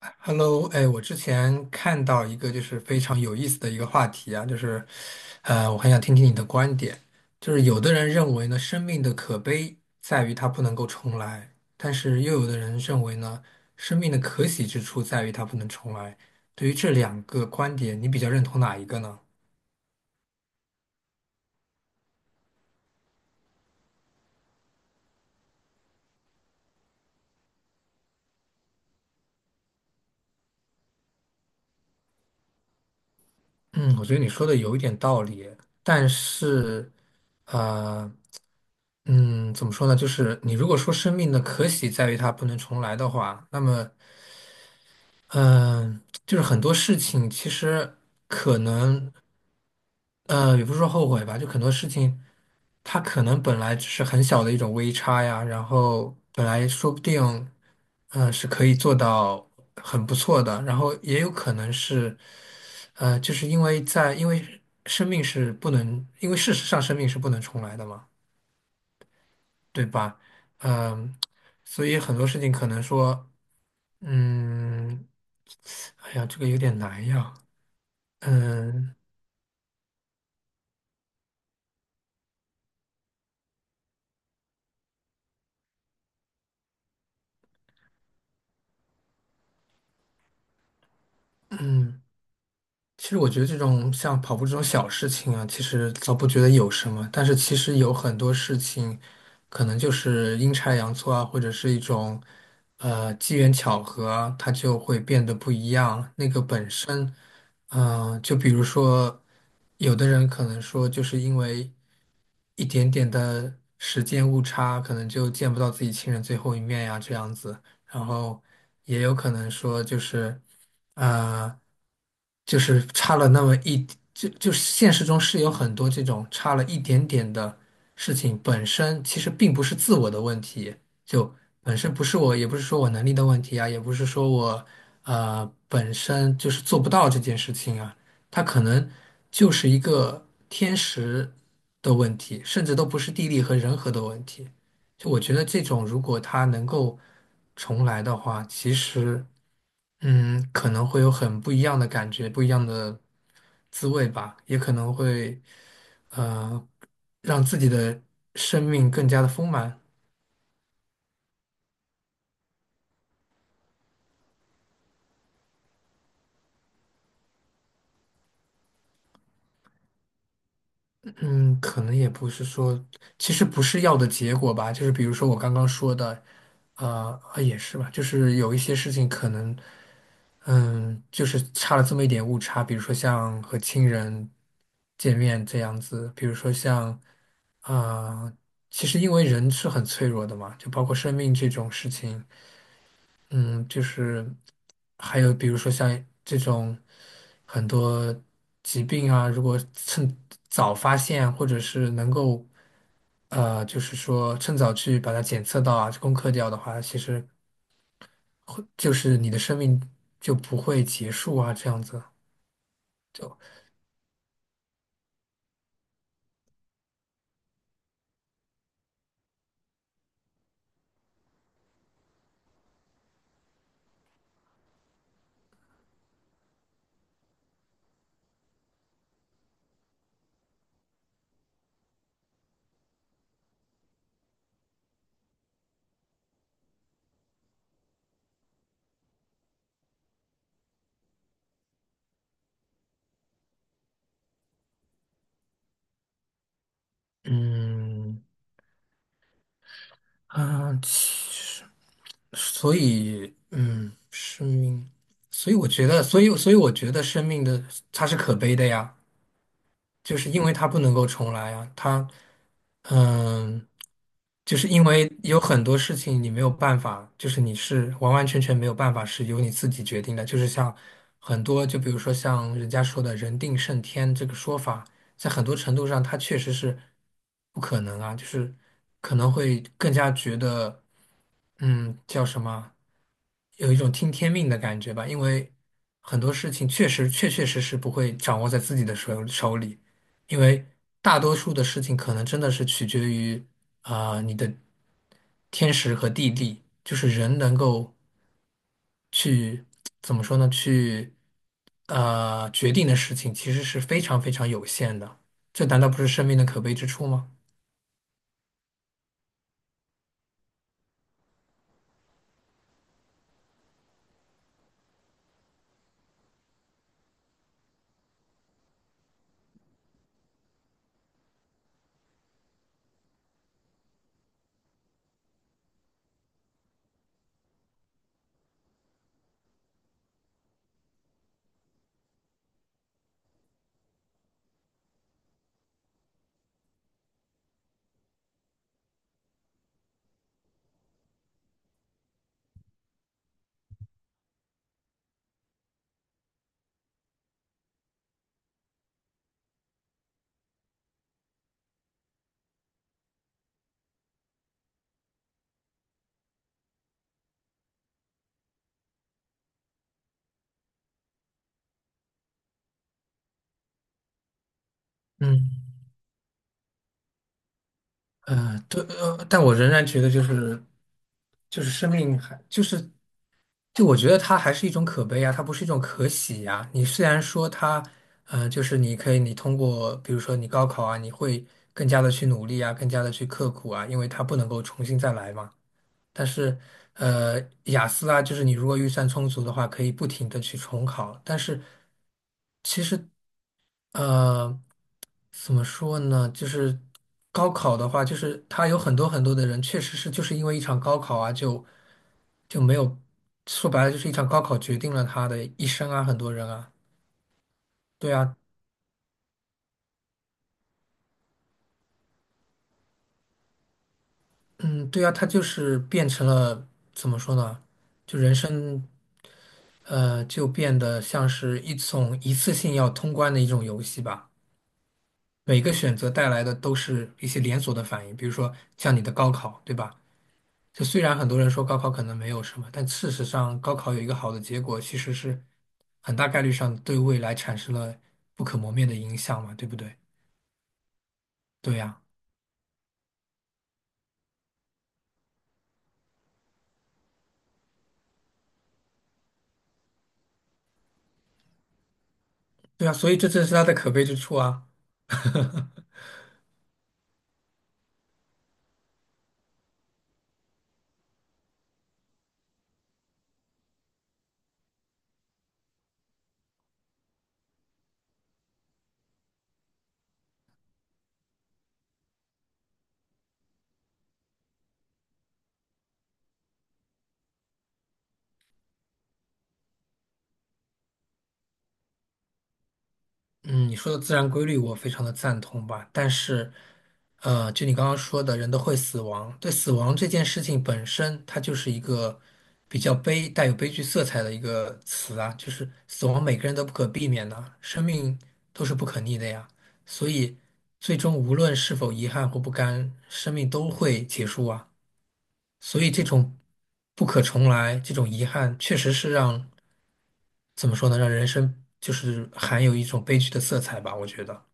Hello，哎，我之前看到一个就是非常有意思的一个话题啊，就是，我很想听听你的观点。就是有的人认为呢，生命的可悲在于它不能够重来，但是又有的人认为呢，生命的可喜之处在于它不能重来。对于这两个观点，你比较认同哪一个呢？嗯，我觉得你说的有一点道理，但是，呃，怎么说呢？就是你如果说生命的可喜在于它不能重来的话，那么嗯，就是很多事情其实可能，也不是说后悔吧，就很多事情，它可能本来只是很小的一种微差呀，然后本来说不定，嗯、是可以做到很不错的，然后也有可能是，就是因为在，因为生命是不能，因为事实上生命是不能重来的嘛，对吧？嗯，所以很多事情可能说。嗯，哎呀，这个有点难呀。嗯嗯，其实我觉得这种像跑步这种小事情啊，其实倒不觉得有什么，但是其实有很多事情，可能就是阴差阳错啊，或者是一种机缘巧合啊，它就会变得不一样。那个本身，嗯、就比如说，有的人可能说，就是因为一点点的时间误差，可能就见不到自己亲人最后一面呀，这样子。然后也有可能说就是，呃，就是差了那么一，就是现实中是有很多这种差了一点点的事情，本身其实并不是自我的问题，就本身不是我，也不是说我能力的问题啊，也不是说我本身就是做不到这件事情啊，它可能就是一个天时的问题，甚至都不是地利和人和的问题。就我觉得这种如果它能够重来的话，其实嗯，可能会有很不一样的感觉，不一样的滋味吧，也可能会呃让自己的生命更加的丰满。嗯，可能也不是说，其实不是要的结果吧，就是比如说我刚刚说的，啊也是吧，就是有一些事情可能，嗯，就是差了这么一点误差，比如说像和亲人见面这样子，比如说像，啊、其实因为人是很脆弱的嘛，就包括生命这种事情。嗯，就是还有比如说像这种很多疾病啊，如果趁早发现，或者是能够就是说趁早去把它检测到啊，攻克掉的话，其实就是你的生命就不会结束啊，这样子就嗯其实所以嗯，生命，所以我觉得，所以我觉得生命的它是可悲的呀。就是因为它不能够重来啊，它嗯，就是因为有很多事情你没有办法，就是你是完完全全没有办法是由你自己决定的，就是像很多，就比如说像人家说的“人定胜天”这个说法，在很多程度上它确实是不可能啊，就是可能会更加觉得，嗯，叫什么，有一种听天命的感觉吧，因为很多事情确实确确实实不会掌握在自己的手里。因为大多数的事情可能真的是取决于啊、你的天时和地利，就是人能够去怎么说呢？去决定的事情其实是非常非常有限的，这难道不是生命的可悲之处吗？嗯。对，但我仍然觉得就是就是生命还就是就我觉得它还是一种可悲啊，它不是一种可喜呀、你虽然说它，就是你可以通过比如说你高考啊，你会更加的去努力啊，更加的去刻苦啊，因为它不能够重新再来嘛。但是，雅思啊，就是你如果预算充足的话，可以不停的去重考。但是，其实，呃，怎么说呢？就是高考的话，就是他有很多很多的人，确实是就是因为一场高考啊，就没有，说白了就是一场高考决定了他的一生啊，很多人啊，对啊，嗯，对啊，他就是变成了怎么说呢？就人生。就变得像是一种一次性要通关的一种游戏吧。每个选择带来的都是一些连锁的反应，比如说像你的高考，对吧？就虽然很多人说高考可能没有什么，但事实上高考有一个好的结果，其实是很大概率上对未来产生了不可磨灭的影响嘛，对不对？对呀，对呀，所以这正是它的可悲之处啊。嗯，你说的自然规律我非常的赞同吧，但是，就你刚刚说的，人都会死亡，对死亡这件事情本身，它就是一个比较悲，带有悲剧色彩的一个词啊，就是死亡每个人都不可避免的，生命都是不可逆的呀，所以最终无论是否遗憾或不甘，生命都会结束啊。所以这种不可重来，这种遗憾，确实是让，怎么说呢，让人生就是含有一种悲剧的色彩吧，我觉得。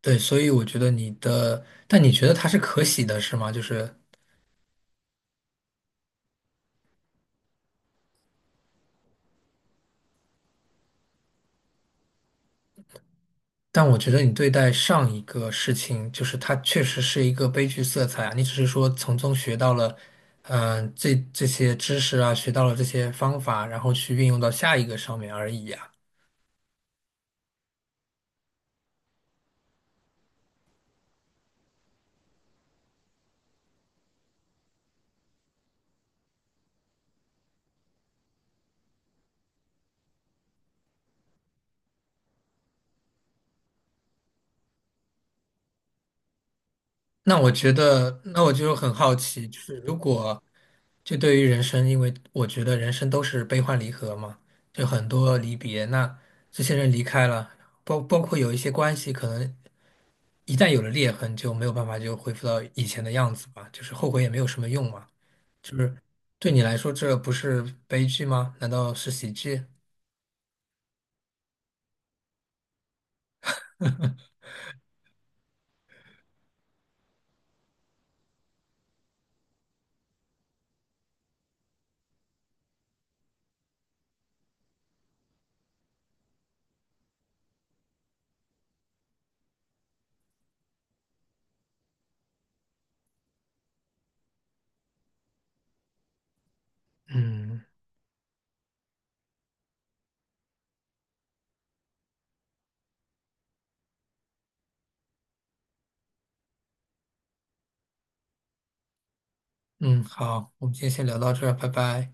对，所以我觉得你的，但你觉得它是可喜的，是吗？就是，但我觉得你对待上一个事情，就是它确实是一个悲剧色彩啊，你只是说从中学到了，嗯、这些知识啊，学到了这些方法，然后去运用到下一个上面而已呀、那我觉得，那我就很好奇，就是如果就对于人生，因为我觉得人生都是悲欢离合嘛，就很多离别。那这些人离开了，包括有一些关系，可能一旦有了裂痕，就没有办法就恢复到以前的样子吧，就是后悔也没有什么用嘛。就是对你来说，这不是悲剧吗？难道是喜剧？嗯嗯，好，我们今天先聊到这儿，拜拜。